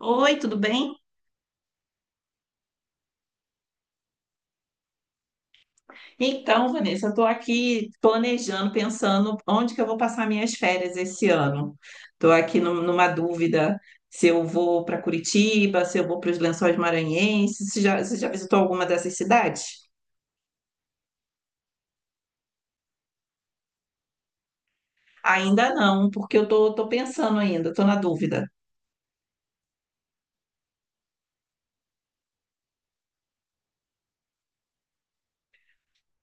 Oi, tudo bem? Então, Vanessa, eu estou aqui planejando, pensando onde que eu vou passar minhas férias esse ano. Estou aqui numa dúvida se eu vou para Curitiba, se eu vou para os Lençóis Maranhenses. Você já visitou alguma dessas cidades? Ainda não, porque eu tô pensando ainda, estou na dúvida.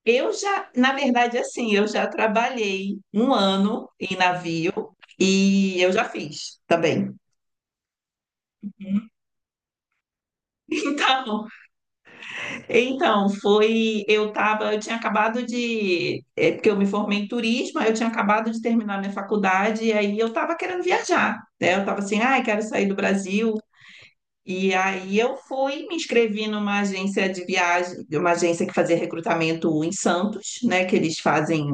Na verdade, assim, eu já trabalhei um ano em navio e eu já fiz também. Então, Então, foi. Eu tinha acabado de. É, porque eu me formei em turismo, aí eu tinha acabado de terminar minha faculdade, e aí eu estava querendo viajar, né? Eu estava assim, ai, quero sair do Brasil, e aí eu fui, me inscrevi numa agência de viagem, uma agência que fazia recrutamento em Santos, né? Que eles fazem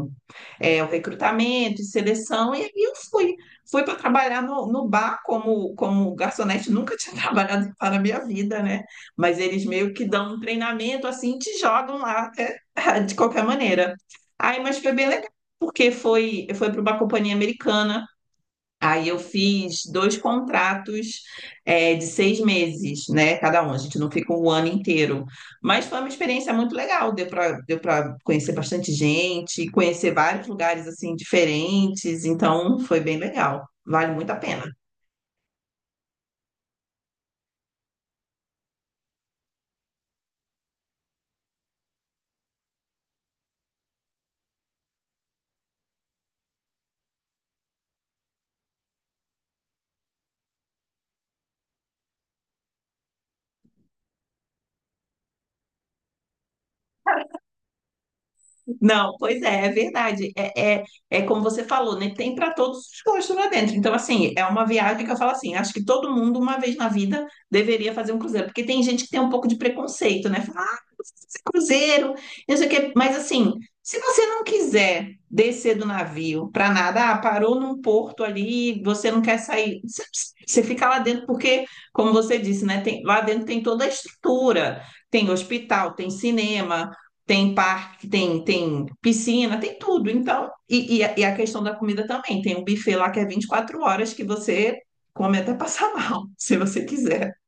o recrutamento e seleção, e aí eu fui. Fui para trabalhar no bar como garçonete, nunca tinha trabalhado em bar na minha vida, né? Mas eles meio que dão um treinamento assim, te jogam lá de qualquer maneira. Aí, mas foi bem legal, porque foi para uma companhia americana. Aí eu fiz dois contratos de 6 meses, né? Cada um. A gente não fica um ano inteiro. Mas foi uma experiência muito legal. Deu para conhecer bastante gente, conhecer vários lugares assim diferentes. Então foi bem legal. Vale muito a pena. Não, pois é, é verdade. É como você falou, né? Tem para todos os gostos lá dentro. Então, assim, é uma viagem que eu falo assim: acho que todo mundo, uma vez na vida, deveria fazer um cruzeiro. Porque tem gente que tem um pouco de preconceito, né? Fala, ah, esse cruzeiro, não sei o quê. Mas, assim, se você não quiser descer do navio para nada, ah, parou num porto ali, você não quer sair, você fica lá dentro, porque, como você disse, né? Tem, lá dentro tem toda a estrutura: tem hospital, tem cinema, tem parque, tem piscina, tem tudo. Então, e a questão da comida também. Tem um buffet lá que é 24 horas que você come até passar mal, se você quiser.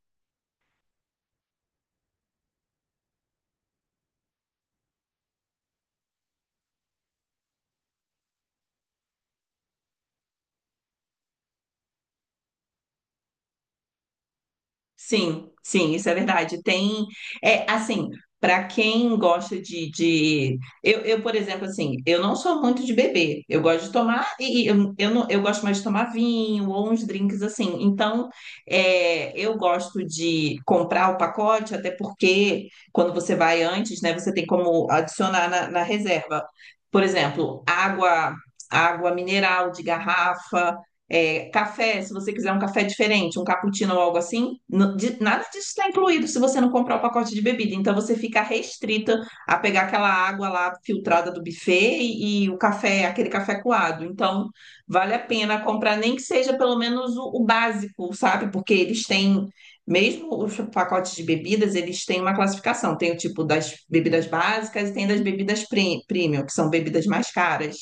Sim, sim, isso é verdade. Tem, é assim, para quem gosta de... Eu, por exemplo, assim, eu não sou muito de beber. Eu gosto de tomar e eu, não, eu gosto mais de tomar vinho ou uns drinks assim. Então, eu gosto de comprar o pacote, até porque quando você vai antes, né, você tem como adicionar na reserva. Por exemplo, água mineral de garrafa. É, café, se você quiser um café diferente, um cappuccino ou algo assim, nada disso está incluído se você não comprar o pacote de bebida. Então você fica restrita a pegar aquela água lá filtrada do buffet e o café, aquele café coado. Então vale a pena comprar, nem que seja pelo menos o básico, sabe? Porque eles têm, mesmo os pacotes de bebidas, eles têm uma classificação. Tem o tipo das bebidas básicas e tem das bebidas premium, que são bebidas mais caras.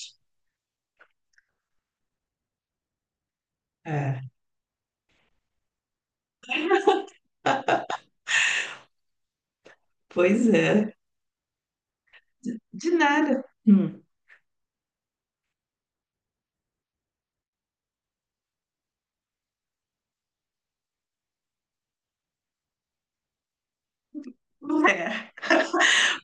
É, pois é. De nada. Hum. É.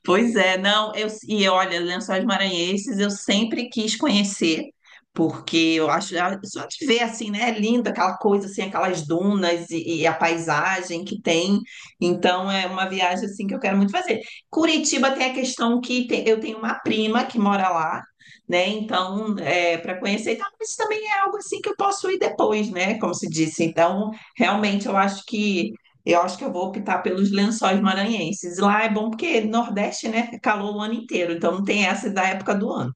Pois é, não, e olha, Lençóis Maranhenses eu sempre quis conhecer, porque eu acho, só de ver assim, né, é lindo aquela coisa assim, aquelas dunas e a paisagem que tem, então é uma viagem assim que eu quero muito fazer. Curitiba tem a questão eu tenho uma prima que mora lá, né, então para conhecer, então, mas também é algo assim que eu posso ir depois, né, como se disse, então realmente eu acho que eu vou optar pelos lençóis maranhenses. Lá é bom porque Nordeste, né? É calor o ano inteiro, então não tem essa da época do ano.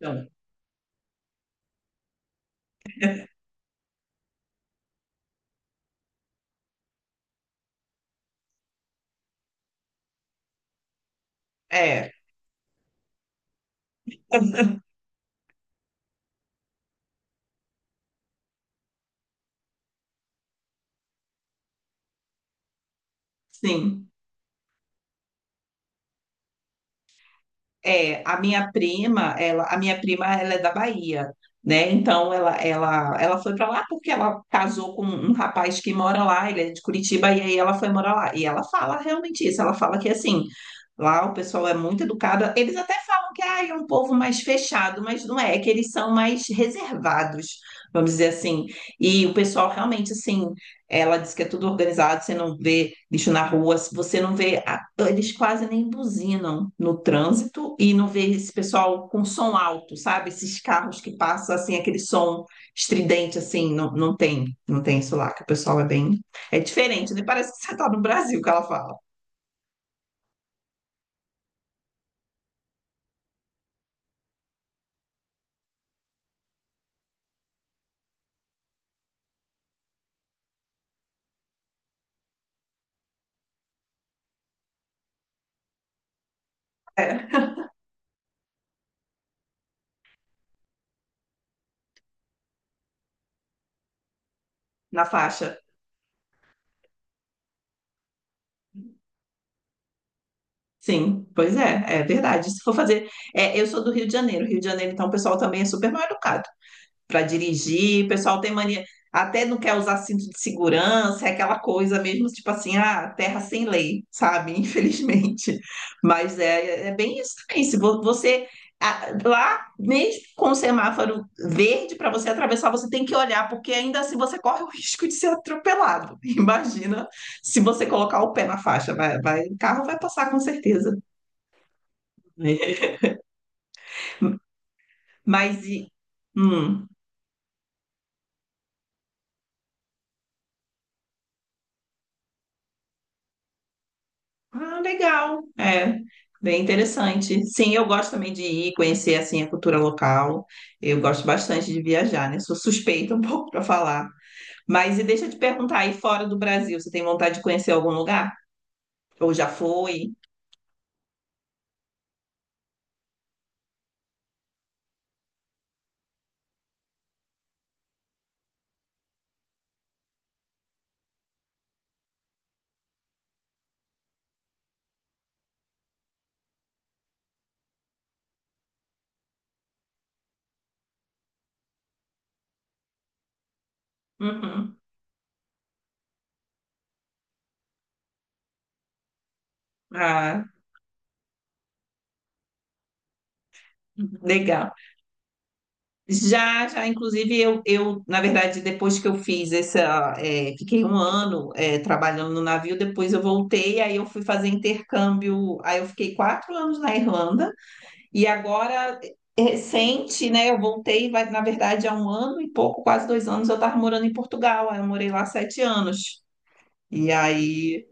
Então, é, sim. É, a minha prima, ela é da Bahia, né? Então ela foi para lá porque ela casou com um rapaz que mora lá, ele é de Curitiba e aí ela foi morar lá. E ela fala realmente isso, ela fala que assim, lá o pessoal é muito educado. Eles até falam que ah, é um povo mais fechado, mas não é, é que eles são mais reservados, vamos dizer assim. E o pessoal realmente assim, ela diz que é tudo organizado, você não vê lixo na rua, você não vê então, eles quase nem buzinam no trânsito e não vejo esse pessoal com som alto, sabe? Esses carros que passam assim, aquele som estridente, assim, não, não tem, não tem isso lá, que o pessoal é bem. É diferente, né? Parece que você tá no Brasil que ela fala. É, na faixa. Sim, pois é, é verdade. Se for fazer. Eu sou do Rio de Janeiro, então o pessoal também é super mal educado. Para dirigir. O pessoal tem mania, até não quer usar cinto de segurança, é aquela coisa mesmo, tipo assim, ah, terra sem lei, sabe? Infelizmente. Mas é bem isso também. Se você. Ah, lá, mesmo com o semáforo verde para você atravessar, você tem que olhar, porque ainda assim você corre o risco de ser atropelado. Imagina se você colocar o pé na faixa, o carro vai passar com certeza. Mas e. Hum. Ah, legal. É, bem interessante. Sim, eu gosto também de ir conhecer assim a cultura local. Eu gosto bastante de viajar, né? Sou suspeita um pouco para falar. Mas e deixa eu te perguntar, aí fora do Brasil, você tem vontade de conhecer algum lugar? Ou já foi? Uhum. Ah, legal. Já, já, inclusive, eu, na verdade, depois que eu fiz essa, fiquei um ano, trabalhando no navio, depois eu voltei, aí eu fui fazer intercâmbio, aí eu fiquei 4 anos na Irlanda. E agora, é recente, né? Eu voltei, vai, na verdade, há um ano e pouco, quase 2 anos, eu estava morando em Portugal. Aí eu morei lá 7 anos. E aí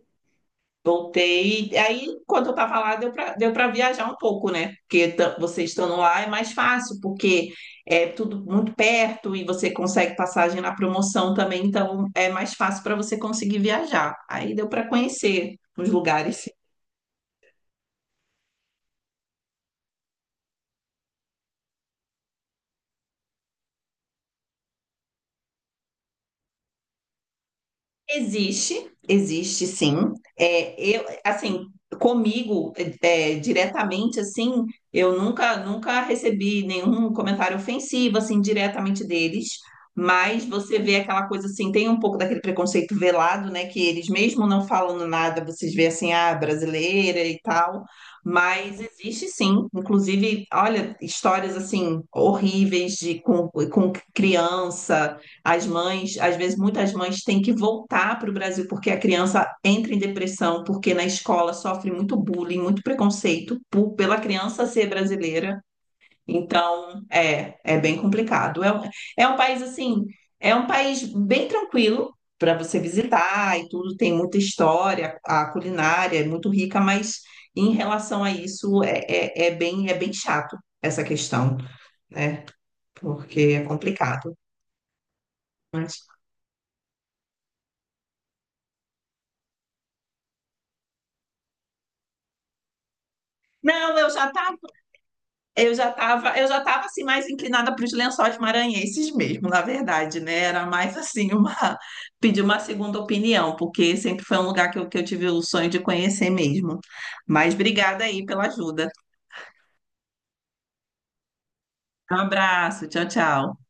voltei. E aí, quando eu estava lá, deu para viajar um pouco, né? Porque você estando lá é mais fácil, porque é tudo muito perto e você consegue passagem na promoção também, então é mais fácil para você conseguir viajar. Aí deu para conhecer os lugares. Existe, existe sim. Eu, assim, comigo, diretamente, assim, eu nunca recebi nenhum comentário ofensivo, assim, diretamente deles, mas você vê aquela coisa, assim, tem um pouco daquele preconceito velado, né, que eles mesmo não falando nada, vocês vê assim, ah, brasileira e tal, mas existe sim, inclusive, olha, histórias, assim, horríveis com criança, as mães, às vezes, muitas mães têm que voltar para o Brasil porque a criança entra em depressão, porque na escola sofre muito bullying, muito preconceito pela criança ser brasileira. Então, é bem complicado. É um país, assim, é um país bem tranquilo para você visitar e tudo, tem muita história, a culinária é muito rica, mas em relação a isso, é bem chato essa questão, né? Porque é complicado. Mas... Não, eu já estava assim mais inclinada para os lençóis maranhenses mesmo, na verdade, né? Era mais assim uma pedir uma segunda opinião, porque sempre foi um lugar que eu tive o sonho de conhecer mesmo. Mas obrigada aí pela ajuda. Um abraço, tchau, tchau.